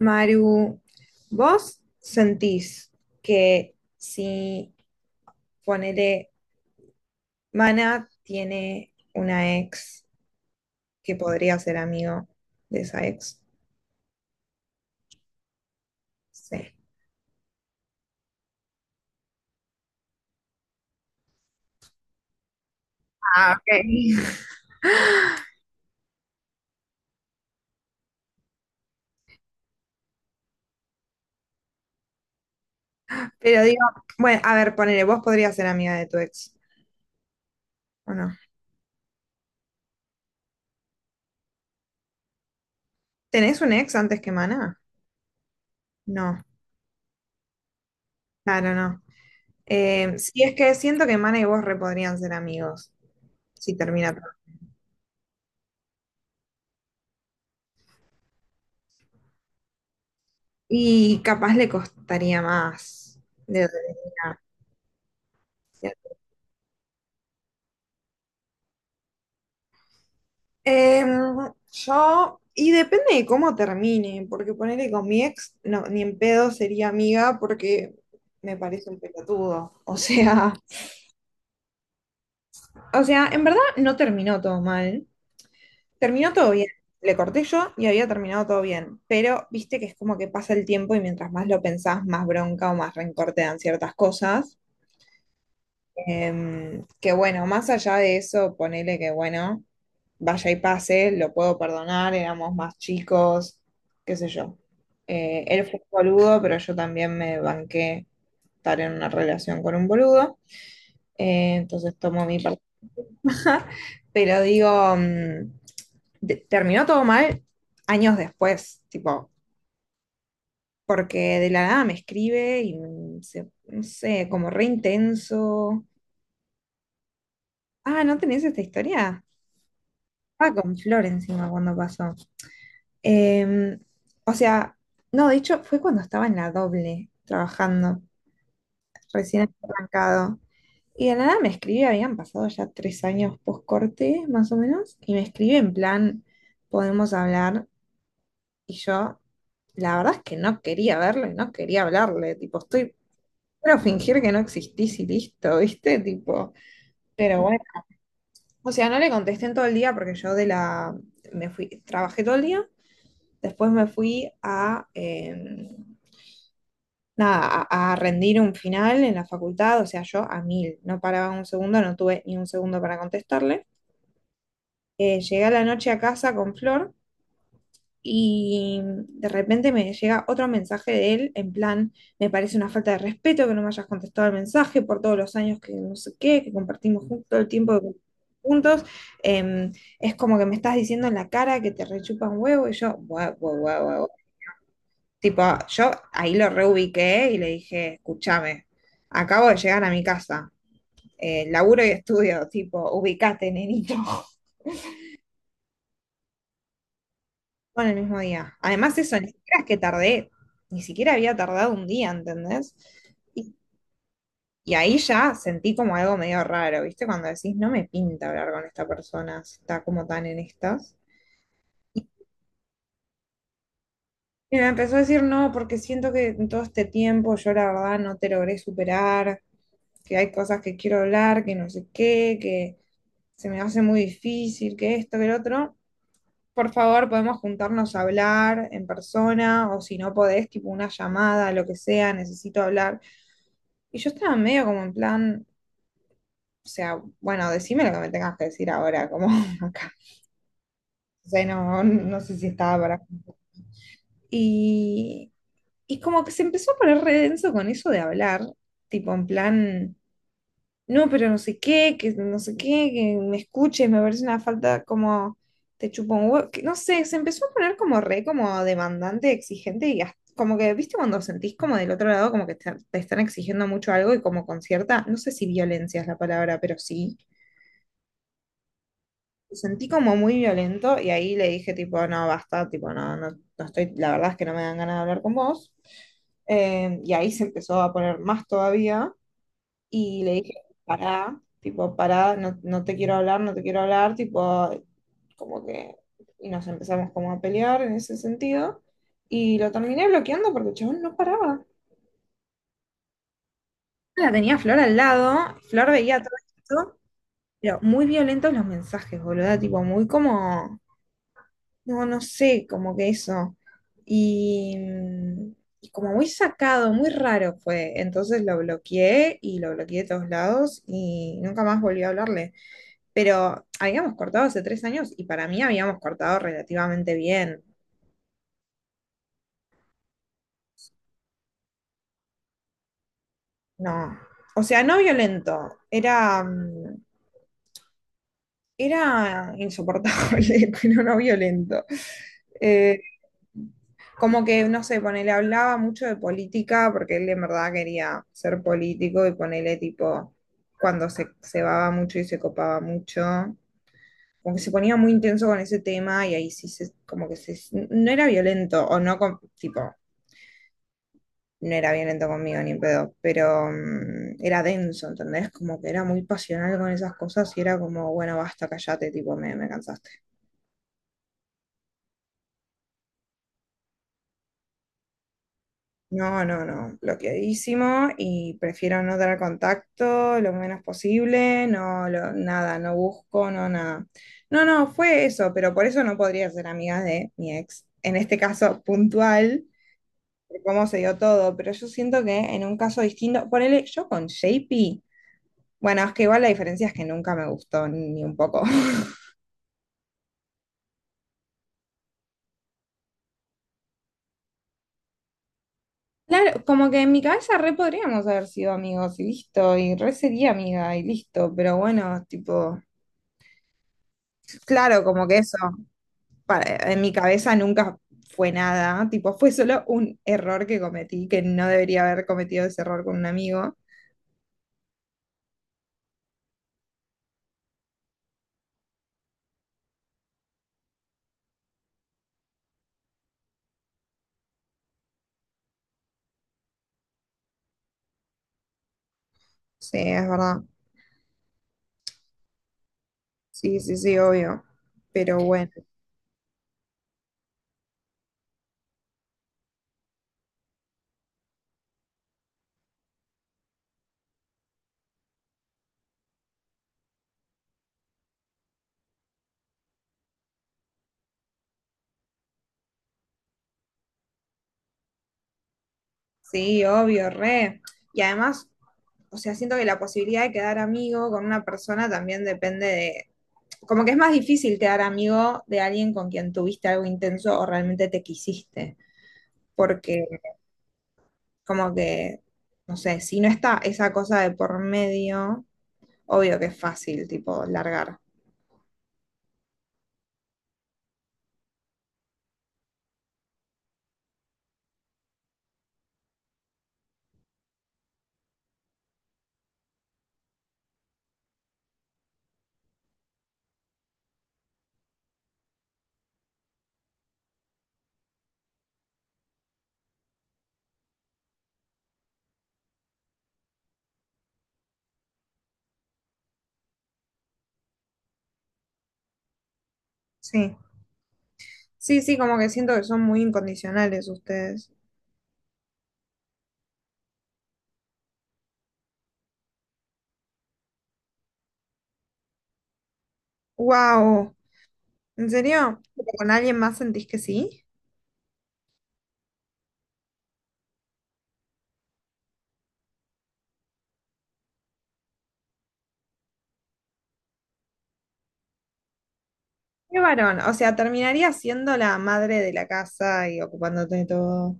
Maru, ¿vos sentís que si ponele Mana tiene una ex que podría ser amigo de esa ex? Sí. Ah, ok. Pero digo, bueno, a ver, ponele, vos podrías ser amiga de tu ex, ¿o no? ¿Tenés un ex antes que Mana? No, claro, no. Sí, es que siento que Mana y vos re podrían ser amigos si termina todo. Y capaz le costaría más de lo que tenía. Em, yo, y depende de cómo termine, porque ponerle con mi ex, no, ni en pedo sería amiga porque me parece un pelotudo. O sea, en verdad no terminó todo mal, terminó todo bien. Le corté yo y había terminado todo bien, pero viste que es como que pasa el tiempo y mientras más lo pensás, más bronca o más rencor te dan ciertas cosas. Que bueno, más allá de eso, ponele que bueno, vaya y pase, lo puedo perdonar, éramos más chicos, qué sé yo. Él fue un boludo, pero yo también me banqué estar en una relación con un boludo, entonces tomo mi parte. Pero digo, terminó todo mal años después, tipo, porque de la nada me escribe y no sé, como re intenso. Ah, ¿no tenés esta historia? Ah, con Flor encima cuando pasó. Em, o sea, no, de hecho fue cuando estaba en la doble trabajando, recién había arrancado. Y de la nada me escribí, habían pasado ya tres años post corte, más o menos, y me escribe en plan, podemos hablar. Y yo, la verdad es que no quería verlo y no quería hablarle, tipo, estoy, quiero fingir que no existís y listo, ¿viste? Tipo, pero bueno, o sea, no le contesté en todo el día porque yo de la, me fui, trabajé todo el día. Después me fui a, nada, a rendir un final en la facultad, o sea, yo a mil, no paraba un segundo, no tuve ni un segundo para contestarle. Llegué a la noche a casa con Flor y de repente me llega otro mensaje de él en plan, me parece una falta de respeto que no me hayas contestado el mensaje por todos los años que no sé qué, que compartimos juntos, todo el tiempo que juntos, em, es como que me estás diciendo en la cara que te rechupa un huevo y yo, guau, guau, guau, guau. Tipo, yo ahí lo reubiqué y le dije, escúchame, acabo de llegar a mi casa, laburo y estudio, tipo, ubicate, nenito. Bueno, el mismo día. Además, eso, ni siquiera es que tardé, ni siquiera había tardado un día, ¿entendés? Y, y ahí ya sentí como algo medio raro, ¿viste? Cuando decís, no me pinta hablar con esta persona, si está como tan en estas. Y me empezó a decir, no, porque siento que en todo este tiempo yo la verdad no te logré superar, que hay cosas que quiero hablar, que no sé qué, que se me hace muy difícil, que esto, que el otro. Por favor, podemos juntarnos a hablar en persona o si no podés, tipo una llamada, lo que sea, necesito hablar. Y yo estaba medio como en plan, o sea, bueno, decime lo que me tengas que decir ahora, como acá. O sea, no, no sé si estaba para... Y, y como que se empezó a poner re denso con eso de hablar, tipo en plan, no, pero no sé qué, que no sé qué, que me escuches, me parece una falta como te chupo un huevo, que no sé, se empezó a poner como re, como demandante, exigente y como que, viste, cuando sentís como del otro lado, como que te están exigiendo mucho algo y como con cierta, no sé si violencia es la palabra, pero sí. Lo sentí como muy violento y ahí le dije tipo, no, basta, tipo, no, no, no estoy, la verdad es que no me dan ganas de hablar con vos. Y ahí se empezó a poner más todavía. Y le dije, pará, tipo, pará, no, no te quiero hablar, no te quiero hablar, tipo, como que, y nos empezamos como a pelear en ese sentido, y lo terminé bloqueando porque el chabón no paraba. La tenía Flor al lado, Flor veía todo esto, pero muy violentos los mensajes, boluda, tipo, muy como, no, no sé, como que eso, y, y como muy sacado, muy raro fue, entonces lo bloqueé, y lo bloqueé de todos lados, y nunca más volví a hablarle. Pero habíamos cortado hace tres años y para mí habíamos cortado relativamente bien. No. O sea, no violento. Era, era insoportable, pero no violento. Eh, Como que, no sé, ponele, hablaba mucho de política porque él en verdad quería ser político y ponele tipo, cuando se cebaba mucho y se copaba mucho, como que se ponía muy intenso con ese tema y ahí sí se, como que se, no era violento o no, tipo, no era violento conmigo ni en pedo, pero era denso, ¿entendés? Como que era muy pasional con esas cosas y era como, bueno, basta, callate, tipo, me cansaste. No, no, no, bloqueadísimo y prefiero no tener contacto lo menos posible, no, nada, no busco, no, nada. No, no, fue eso, pero por eso no podría ser amiga de mi ex. En este caso puntual, de cómo se dio todo, pero yo siento que en un caso distinto, ponele, yo con J P. Bueno, es que igual la diferencia es que nunca me gustó ni un poco. Claro, como que en mi cabeza re podríamos haber sido amigos y listo, y re sería amiga y listo, pero bueno, tipo, claro, como que eso, en mi cabeza nunca fue nada, tipo, fue solo un error que cometí, que no debería haber cometido ese error con un amigo. Sí, es verdad. Sí, sí, sí, obvio. Pero bueno, sí, obvio, re. Y además, o sea, siento que la posibilidad de quedar amigo con una persona también depende de, como que es más difícil quedar amigo de alguien con quien tuviste algo intenso o realmente te quisiste, porque como que, no sé, si no está esa cosa de por medio, obvio que es fácil, tipo, largar. Sí, sí, sí, como que siento que son muy incondicionales ustedes. ¡Wow! ¿En serio? ¿Pero ¿con alguien más sentís que sí? Qué varón, o sea, terminaría siendo la madre de la casa y ocupándote de todo.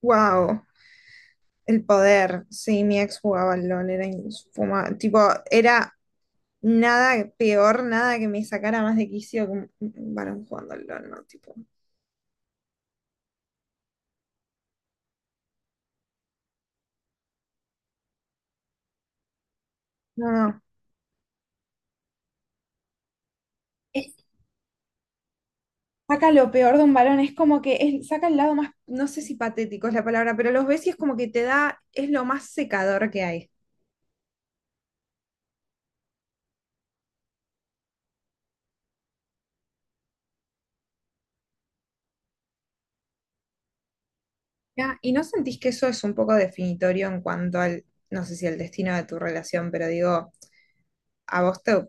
Wow, el poder. Sí, mi ex jugaba al LOL, era infumable. Tipo, era nada peor, nada que me sacara más de quicio que un varón jugando al LOL, ¿no? Tipo, no, no. Es- Saca lo peor de un varón, es como que saca el lado más, no sé si patético es la palabra, pero los ves y es como que te da, es lo más secador que hay. ¿Ya? ¿Y no sentís que eso es un poco definitorio en cuanto al, no sé si al destino de tu relación, pero digo. A vos te,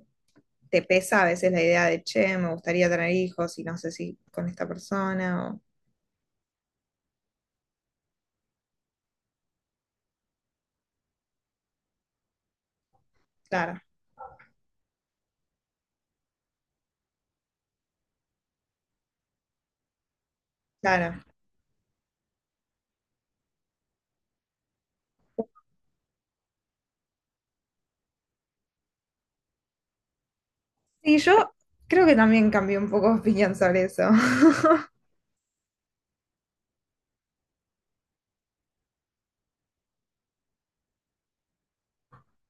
te pesa a veces la idea de, che, me gustaría tener hijos y no sé si con esta persona o... Claro, claro. Y yo creo que también cambié un poco de opinión sobre eso.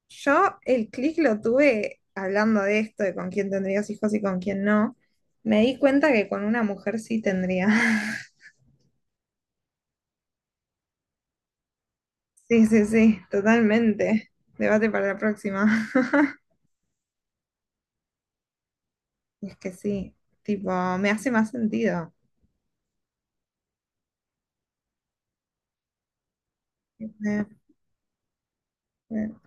Yo el clic lo tuve hablando de esto, de con quién tendrías hijos y con quién no. Me di cuenta que con una mujer sí tendría. Sí, sí, sí, totalmente. Debate para la próxima. Es que sí, tipo, me hace más sentido. Me- me-